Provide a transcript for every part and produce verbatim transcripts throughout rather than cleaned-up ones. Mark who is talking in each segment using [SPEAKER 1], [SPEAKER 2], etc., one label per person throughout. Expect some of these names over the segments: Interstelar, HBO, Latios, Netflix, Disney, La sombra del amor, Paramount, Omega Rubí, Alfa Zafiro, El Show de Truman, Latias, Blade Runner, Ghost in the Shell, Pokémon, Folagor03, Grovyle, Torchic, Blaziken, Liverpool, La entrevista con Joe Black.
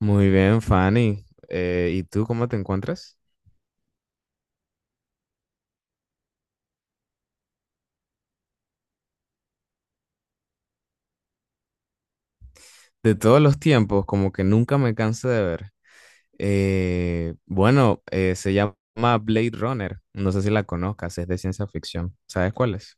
[SPEAKER 1] Muy bien, Fanny. Eh, ¿y tú cómo te encuentras? De todos los tiempos, como que nunca me canso de ver. Eh, bueno, eh, se llama Blade Runner. No sé si la conozcas, es de ciencia ficción. ¿Sabes cuál es?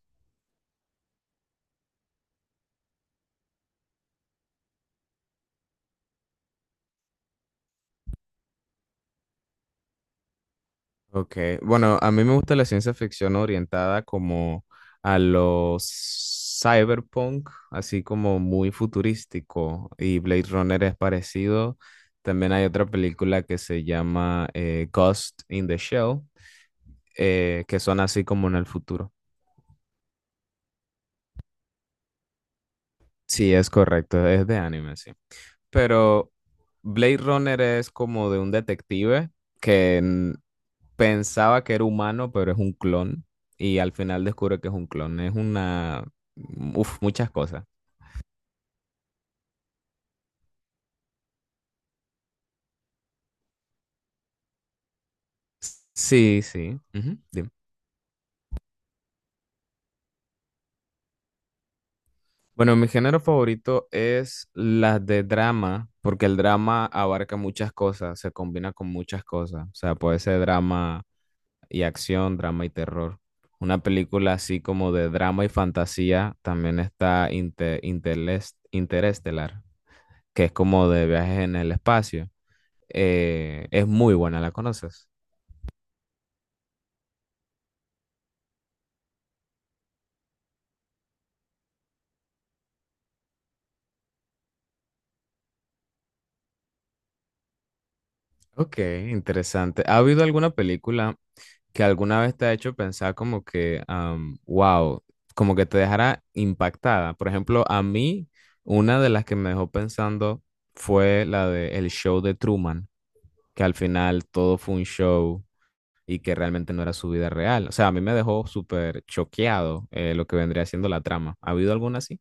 [SPEAKER 1] Ok, bueno, a mí me gusta la ciencia ficción orientada como a los cyberpunk, así como muy futurístico, y Blade Runner es parecido. También hay otra película que se llama eh, Ghost in the Shell, eh, que son así como en el futuro. Sí, es correcto, es de anime, sí. Pero Blade Runner es como de un detective que mm, pensaba que era humano, pero es un clon y al final descubre que es un clon. Es una, mm, uf, muchas cosas. Sí, sí. Ujú, dime. Bueno, mi género favorito es las de drama, porque el drama abarca muchas cosas, se combina con muchas cosas. O sea, puede ser drama y acción, drama y terror. Una película así como de drama y fantasía también está Inte- Interest- Interestelar, que es como de viajes en el espacio. Eh, es muy buena, ¿la conoces? Ok, interesante. ¿Ha habido alguna película que alguna vez te ha hecho pensar como que, am, wow, como que te dejara impactada? Por ejemplo, a mí, una de las que me dejó pensando fue la de El Show de Truman, que al final todo fue un show y que realmente no era su vida real. O sea, a mí me dejó súper choqueado eh, lo que vendría siendo la trama. ¿Ha habido alguna así?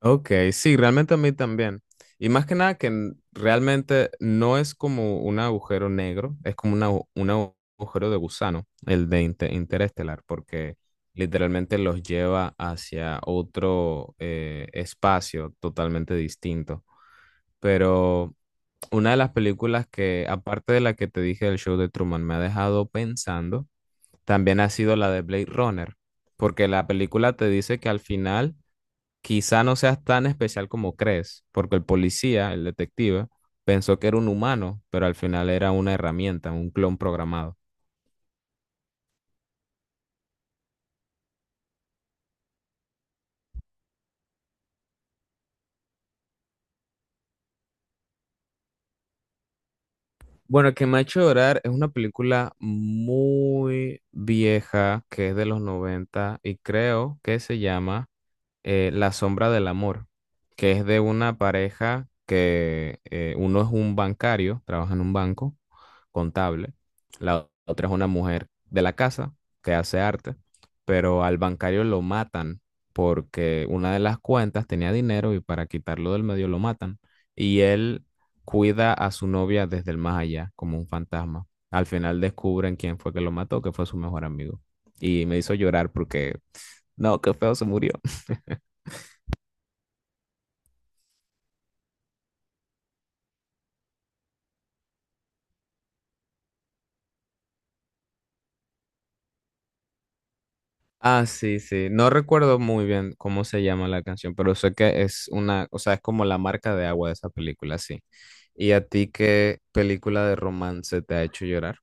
[SPEAKER 1] Ok, sí, realmente a mí también. Y más que nada que n- realmente no es como un agujero negro, es como una agu- un agu- agujero de gusano, el de inte- interestelar, porque literalmente los lleva hacia otro eh, espacio totalmente distinto. Pero una de las películas que, aparte de la que te dije del show de Truman, me ha dejado pensando, también ha sido la de Blade Runner, porque la película te dice que al final quizá no seas tan especial como crees, porque el policía, el detective, pensó que era un humano, pero al final era una herramienta, un clon programado. Bueno, que me ha hecho llorar es una película muy vieja que es de los noventa y creo que se llama eh, La sombra del amor, que es de una pareja que eh, uno es un bancario, trabaja en un banco contable, la otra es una mujer de la casa que hace arte, pero al bancario lo matan porque una de las cuentas tenía dinero y para quitarlo del medio lo matan. Y él cuida a su novia desde el más allá, como un fantasma. Al final descubren quién fue que lo mató, que fue su mejor amigo. Y me hizo llorar porque, no, qué feo se murió. Ah, sí, sí. No recuerdo muy bien cómo se llama la canción, pero sé que es una, o sea, es como la marca de agua de esa película, sí. ¿Y a ti qué película de romance te ha hecho llorar?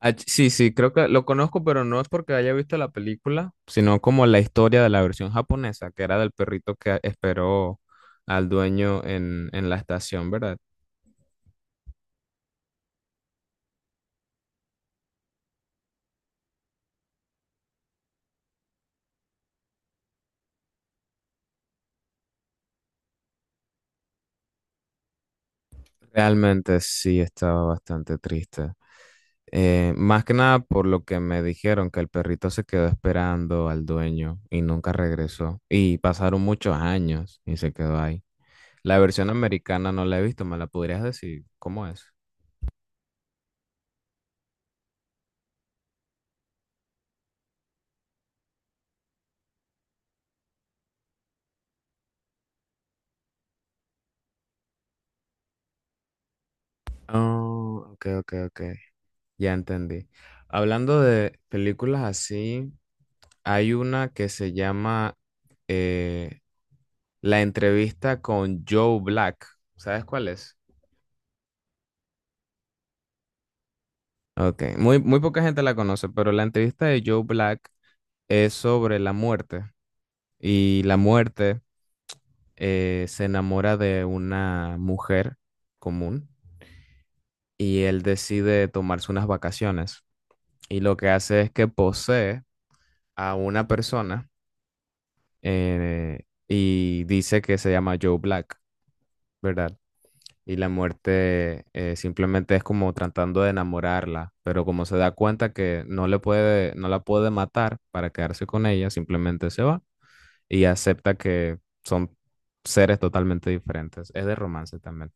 [SPEAKER 1] Ah, ch- sí, sí, creo que lo conozco, pero no es porque haya visto la película, sino como la historia de la versión japonesa, que era del perrito que esperó al dueño en, en la estación, ¿verdad? Realmente sí estaba bastante triste. Eh, más que nada por lo que me dijeron que el perrito se quedó esperando al dueño y nunca regresó. Y pasaron muchos años y se quedó ahí. La versión americana no la he visto, ¿me la podrías decir? ¿Cómo es? Oh, ok, ok, ok. Ya entendí. Hablando de películas así, hay una que se llama eh, La entrevista con Joe Black. ¿Sabes cuál es? Ok, muy, muy poca gente la conoce, pero la entrevista de Joe Black es sobre la muerte y la muerte eh, se enamora de una mujer común y él decide tomarse unas vacaciones y lo que hace es que posee a una persona eh, y dice que se llama Joe Black, ¿verdad? Y la muerte eh, simplemente es como tratando de enamorarla, pero como se da cuenta que no le puede, no la puede matar para quedarse con ella, simplemente se va y acepta que son seres totalmente diferentes. Es de romance también.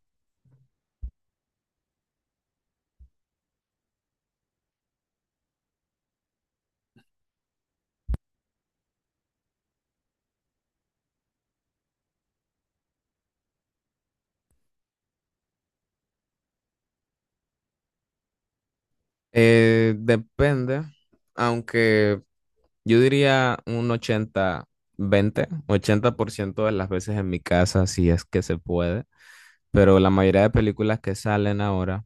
[SPEAKER 1] Eh, depende, aunque yo diría un ochenta veinte ochenta por ciento de las veces en mi casa, si es que se puede, pero la mayoría de películas que salen ahora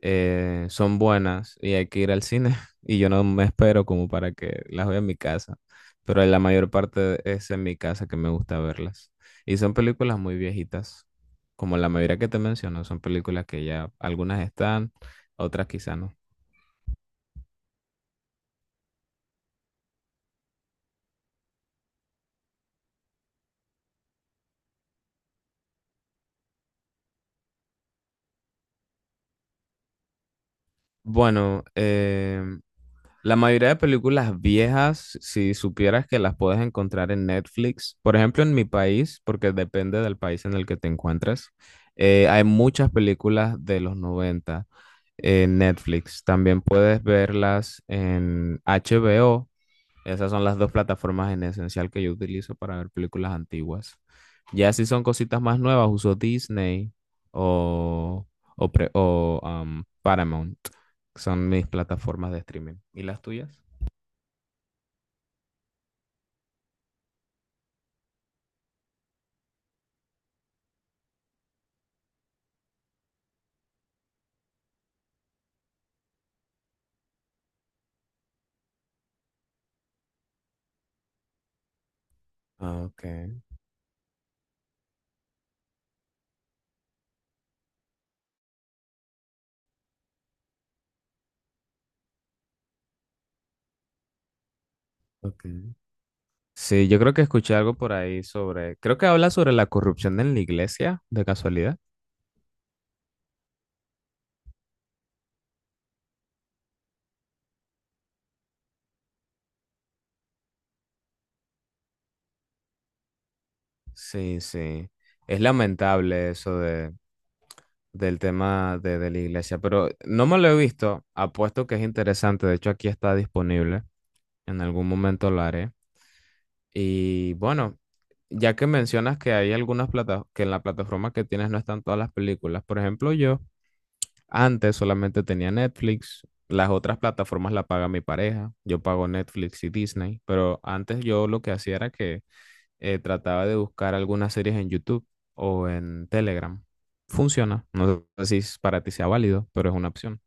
[SPEAKER 1] eh, son buenas y hay que ir al cine y yo no me espero como para que las vea en mi casa, pero la mayor parte es en mi casa que me gusta verlas. Y son películas muy viejitas, como la mayoría que te menciono, son películas que ya algunas están, otras quizá no. Bueno, em, la mayoría de películas viejas, si supieras que las puedes encontrar en Netflix, por ejemplo en mi país, porque depende del país en el que te encuentres, eh, hay muchas películas de los noventa en Netflix. También puedes verlas en H B O. Esas son las dos plataformas en esencial que yo utilizo para ver películas antiguas. Ya si son cositas más nuevas, uso Disney o, o, pre- o, um, Paramount, que son mis plataformas de streaming. ¿Y las tuyas? Ah, ok, ok. Sí, yo creo que escuché algo por ahí sobre, creo que habla sobre la corrupción en la iglesia, de casualidad. Sí, sí. Es lamentable eso de, del tema de, de la iglesia, pero no me lo he visto. Apuesto que es interesante. De hecho, aquí está disponible. En algún momento lo haré. Y bueno, ya que mencionas que hay algunas plata que en la plataforma que tienes no están todas las películas. Por ejemplo, yo antes solamente tenía Netflix. Las otras plataformas la paga mi pareja. Yo pago Netflix y Disney. Pero antes yo lo que hacía era que eh, trataba de buscar algunas series en YouTube o en Telegram. Funciona. No sé si es- para ti sea válido, pero es una opción.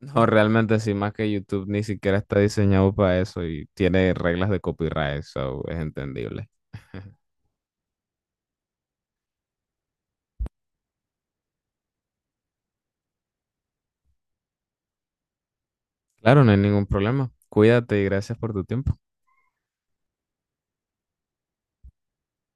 [SPEAKER 1] No, realmente sí, más que YouTube ni siquiera está diseñado para eso y tiene reglas de copyright, so es entendible. Claro, no hay ningún problema. Cuídate y gracias por tu tiempo.